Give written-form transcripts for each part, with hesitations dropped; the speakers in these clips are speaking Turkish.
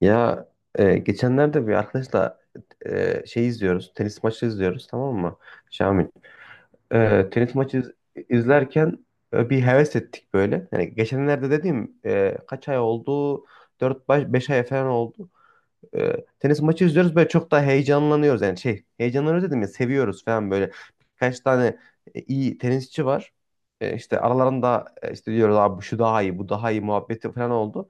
Ya geçenlerde bir arkadaşla şey izliyoruz, tenis maçı izliyoruz, tamam mı? Şamil. Tenis maçı izlerken bir heves ettik böyle. Yani geçenlerde dediğim, kaç ay oldu? 4 beş ay falan oldu. e, tenis maçı izliyoruz böyle, çok daha heyecanlanıyoruz. Yani şey, heyecanlanıyoruz dedim ya, seviyoruz falan böyle. Birkaç tane iyi tenisçi var. İşte aralarında işte diyoruz abi, bu şu daha iyi, bu daha iyi muhabbeti falan oldu.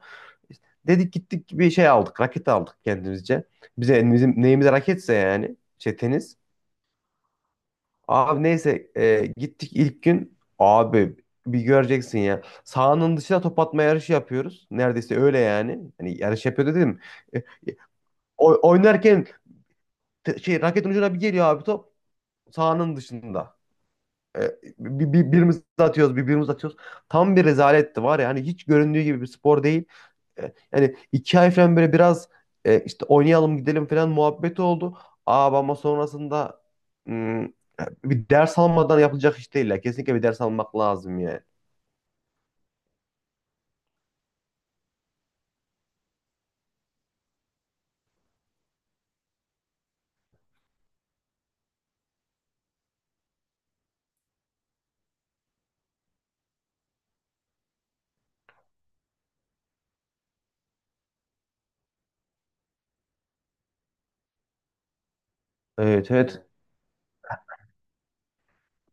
İşte dedik gittik, bir şey aldık, raket aldık kendimizce. Bize bizim neyimize raketse yani, şey tenis. Abi neyse, gittik ilk gün abi, bir göreceksin ya. Sahanın dışına top atma yarışı yapıyoruz. Neredeyse öyle yani. Hani yarış yapıyor dedim. E, e, oynarken şey raketin ucuna bir geliyor abi top, sahanın dışında. E, bir, birimiz atıyoruz, birimiz atıyoruz. Tam bir rezaletti var ya, hani hiç göründüğü gibi bir spor değil. Yani iki ay falan böyle biraz işte oynayalım gidelim falan muhabbeti oldu. Aa, ama sonrasında, hmm, bir ders almadan yapılacak iş değil ya. Kesinlikle bir ders almak lazım yani. Evet, evet,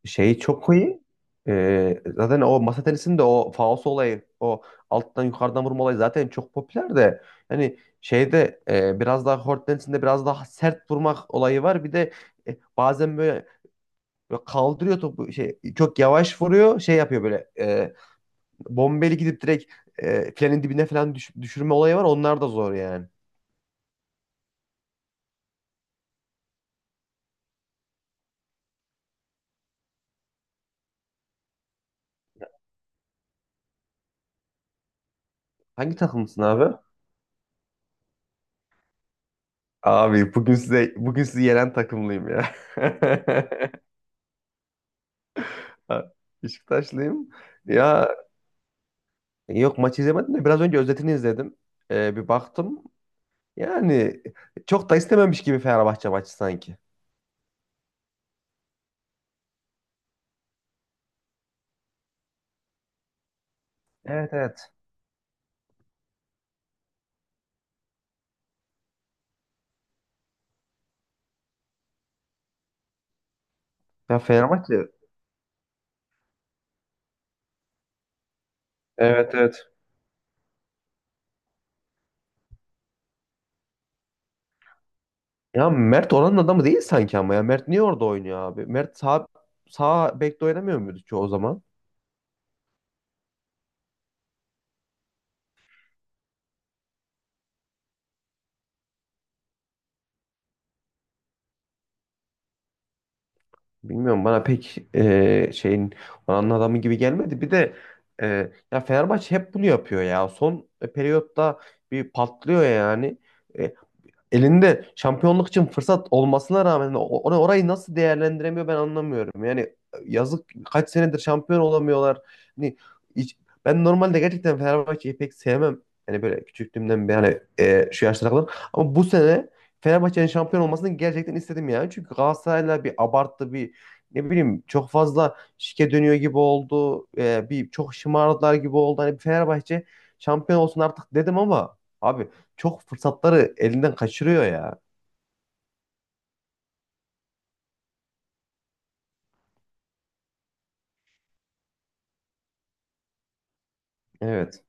şey çok iyi. Zaten o masa tenisinde o faos olayı, o alttan yukarıdan vurma olayı zaten çok popüler de. Yani şeyde, biraz daha kort tenisinde biraz daha sert vurmak olayı var. Bir de bazen böyle, böyle kaldırıyor topu, şey çok yavaş vuruyor, şey yapıyor böyle, bombeli gidip direkt filenin dibine falan düşürme olayı var. Onlar da zor yani. Hangi takımsın abi? Abi bugün size, bugün sizi yenen takımlıyım ya. Ha, Beşiktaşlıyım. Ya yok, maç izlemedim de biraz önce özetini izledim. Bir baktım. Yani çok da istememiş gibi Fenerbahçe maçı sanki. Evet, evet. Ya Fenerbahçe. Evet, evet. Ya Mert oranın adamı değil sanki ama ya. Mert niye orada oynuyor abi? Mert sağ, sağ bekte oynamıyor muydu ki o zaman? Bilmiyorum, bana pek şeyin oranın adamı gibi gelmedi. Bir de ya Fenerbahçe hep bunu yapıyor ya. Son periyotta bir patlıyor yani. E, elinde şampiyonluk için fırsat olmasına rağmen orayı nasıl değerlendiremiyor ben anlamıyorum. Yani yazık, kaç senedir şampiyon olamıyorlar. Hani hiç- ben normalde gerçekten Fenerbahçe'yi pek sevmem. Yani böyle küçüklüğümden beri, hani şu yaşlara kadar. Ama bu sene Fenerbahçe'nin şampiyon olmasını gerçekten istedim yani. Çünkü Galatasaray'la bir abarttı, bir ne bileyim çok fazla şike dönüyor gibi oldu. E, bir çok şımardılar gibi oldu. Hani bir Fenerbahçe şampiyon olsun artık dedim ama abi, çok fırsatları elinden kaçırıyor ya. Evet.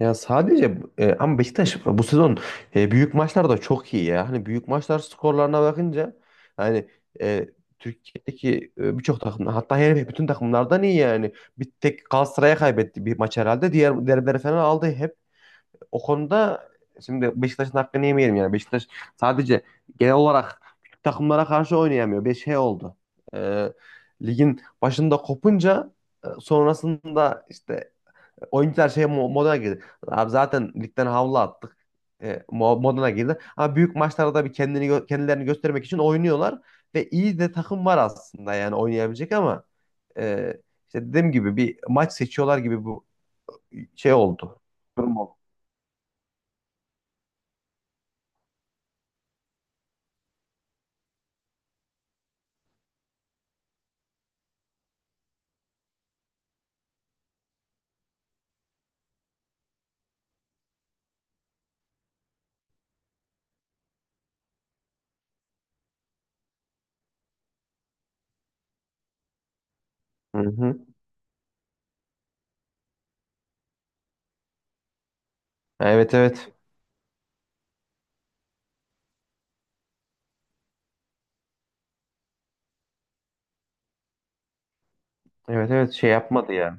Ya sadece ama Beşiktaş bu sezon büyük maçlarda çok iyi ya. Hani büyük maçlar skorlarına bakınca hani, e, Türkiye'deki birçok takım, hatta her bütün takımlardan iyi yani. Bir tek Galatasaray'a kaybetti bir maç herhalde. Diğer derbileri falan aldı. Hep o konuda, şimdi Beşiktaş'ın hakkını yemeyelim yani. Beşiktaş sadece genel olarak küçük takımlara karşı oynayamıyor. Bir şey oldu. Ee, ligin başında kopunca sonrasında işte oyuncular şey moduna girdi. Abi zaten ligden havlu attık. Moduna girdi. Ama büyük maçlarda bir kendilerini göstermek için oynuyorlar ve iyi de takım var aslında, yani oynayabilecek ama e, işte dediğim gibi bir maç seçiyorlar gibi bu şey oldu. Durum oldu. Hı hı. Ha, evet, evet. Evet, evet, şey yapmadı ya.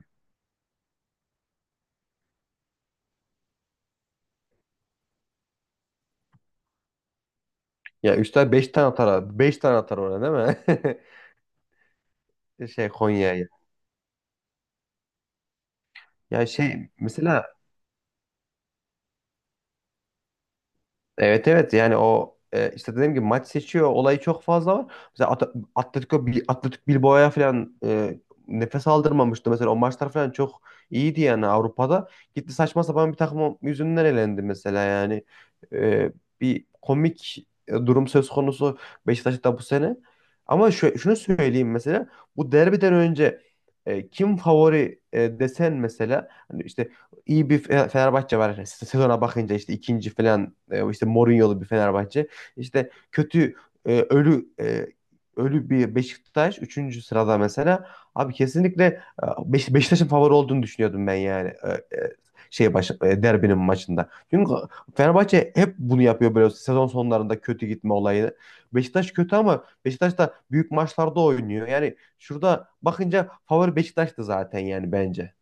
Ya Üstad 5 tane atar abi. 5 tane atar oraya, değil mi? Şey Konya'ya. Ya şey mesela, evet, evet, yani o, işte dediğim gibi maç seçiyor olayı çok fazla var. Mesela Atletico Atletik Bilbao'ya falan, nefes aldırmamıştı mesela, o maçlar falan çok iyiydi yani Avrupa'da. Gitti, saçma sapan bir takım yüzünden elendi mesela yani. E, bir komik durum söz konusu Beşiktaş'ta bu sene. Ama şunu söyleyeyim mesela, bu derbiden önce kim favori desen mesela hani işte iyi bir Fenerbahçe var. İşte sezona bakınca işte ikinci falan, işte Mourinho'lu bir Fenerbahçe. İşte kötü, e, ölü e, ölü bir Beşiktaş üçüncü sırada mesela. Abi kesinlikle Beşiktaş'ın favori olduğunu düşünüyordum ben yani. Şey derbinin maçında. Çünkü Fenerbahçe hep bunu yapıyor, böyle sezon sonlarında kötü gitme olayını. Beşiktaş kötü ama Beşiktaş da büyük maçlarda oynuyor. Yani şurada bakınca favori Beşiktaş'tı zaten yani, bence.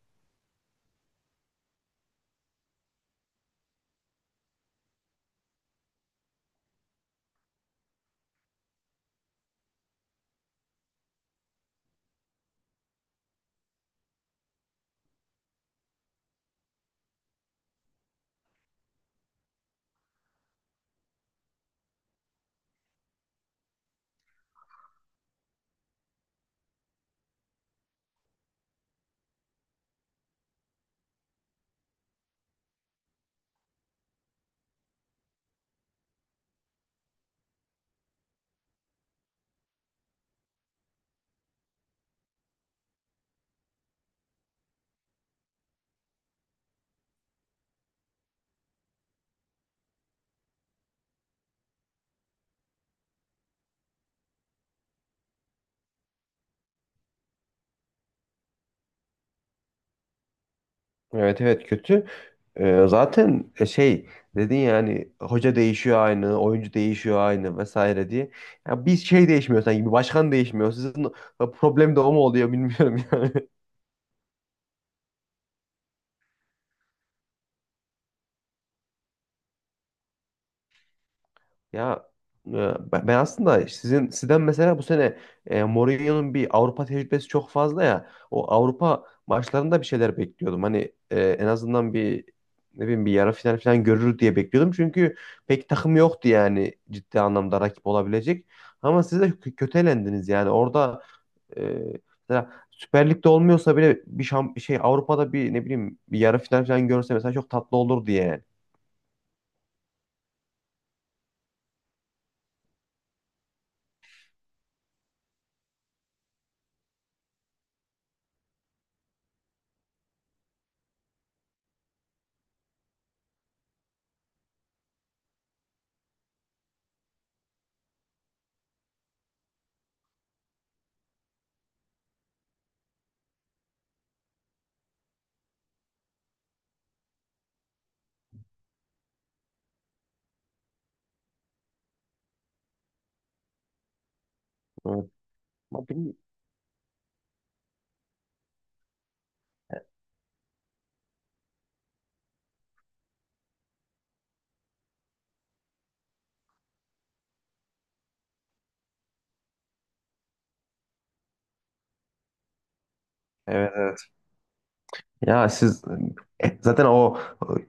Evet, evet, kötü. Zaten şey dedin yani, hoca değişiyor aynı, oyuncu değişiyor aynı vesaire diye. Ya bir şey değişmiyor sanki, bir başkan değişmiyor. Sizin problem de o mu oluyor bilmiyorum yani. Ya e, ben ben aslında sizden mesela bu sene Mourinho'nun bir Avrupa tecrübesi çok fazla ya. O Avrupa maçlarında bir şeyler bekliyordum. Hani en azından bir ne bileyim bir yarı final falan görür diye bekliyordum. Çünkü pek takım yoktu yani ciddi anlamda rakip olabilecek. Ama siz de kötü elendiniz yani. Orada e, mesela Süper Lig'de olmuyorsa bile bir şey Avrupa'da bir ne bileyim bir yarı final falan görse mesela çok tatlı olurdu yani. Evet. Ama bilmiyorum. Evet. Ya siz zaten o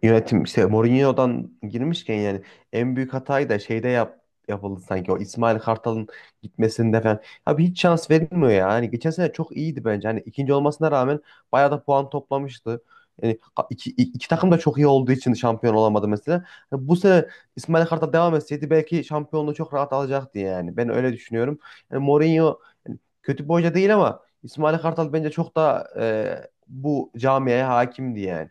yönetim işte Mourinho'dan girmişken yani, en büyük hatayı da şeyde yapıldı sanki, o İsmail Kartal'ın gitmesinde falan. Abi hiç şans verilmiyor ya. Hani geçen sene çok iyiydi bence. Hani ikinci olmasına rağmen bayağı da puan toplamıştı. Yani iki takım da çok iyi olduğu için şampiyon olamadı mesela. Hani bu sene İsmail Kartal devam etseydi belki şampiyonluğu çok rahat alacaktı yani. Ben öyle düşünüyorum. Yani Mourinho yani kötü bir hoca değil ama İsmail Kartal bence çok daha bu camiye hakimdi yani.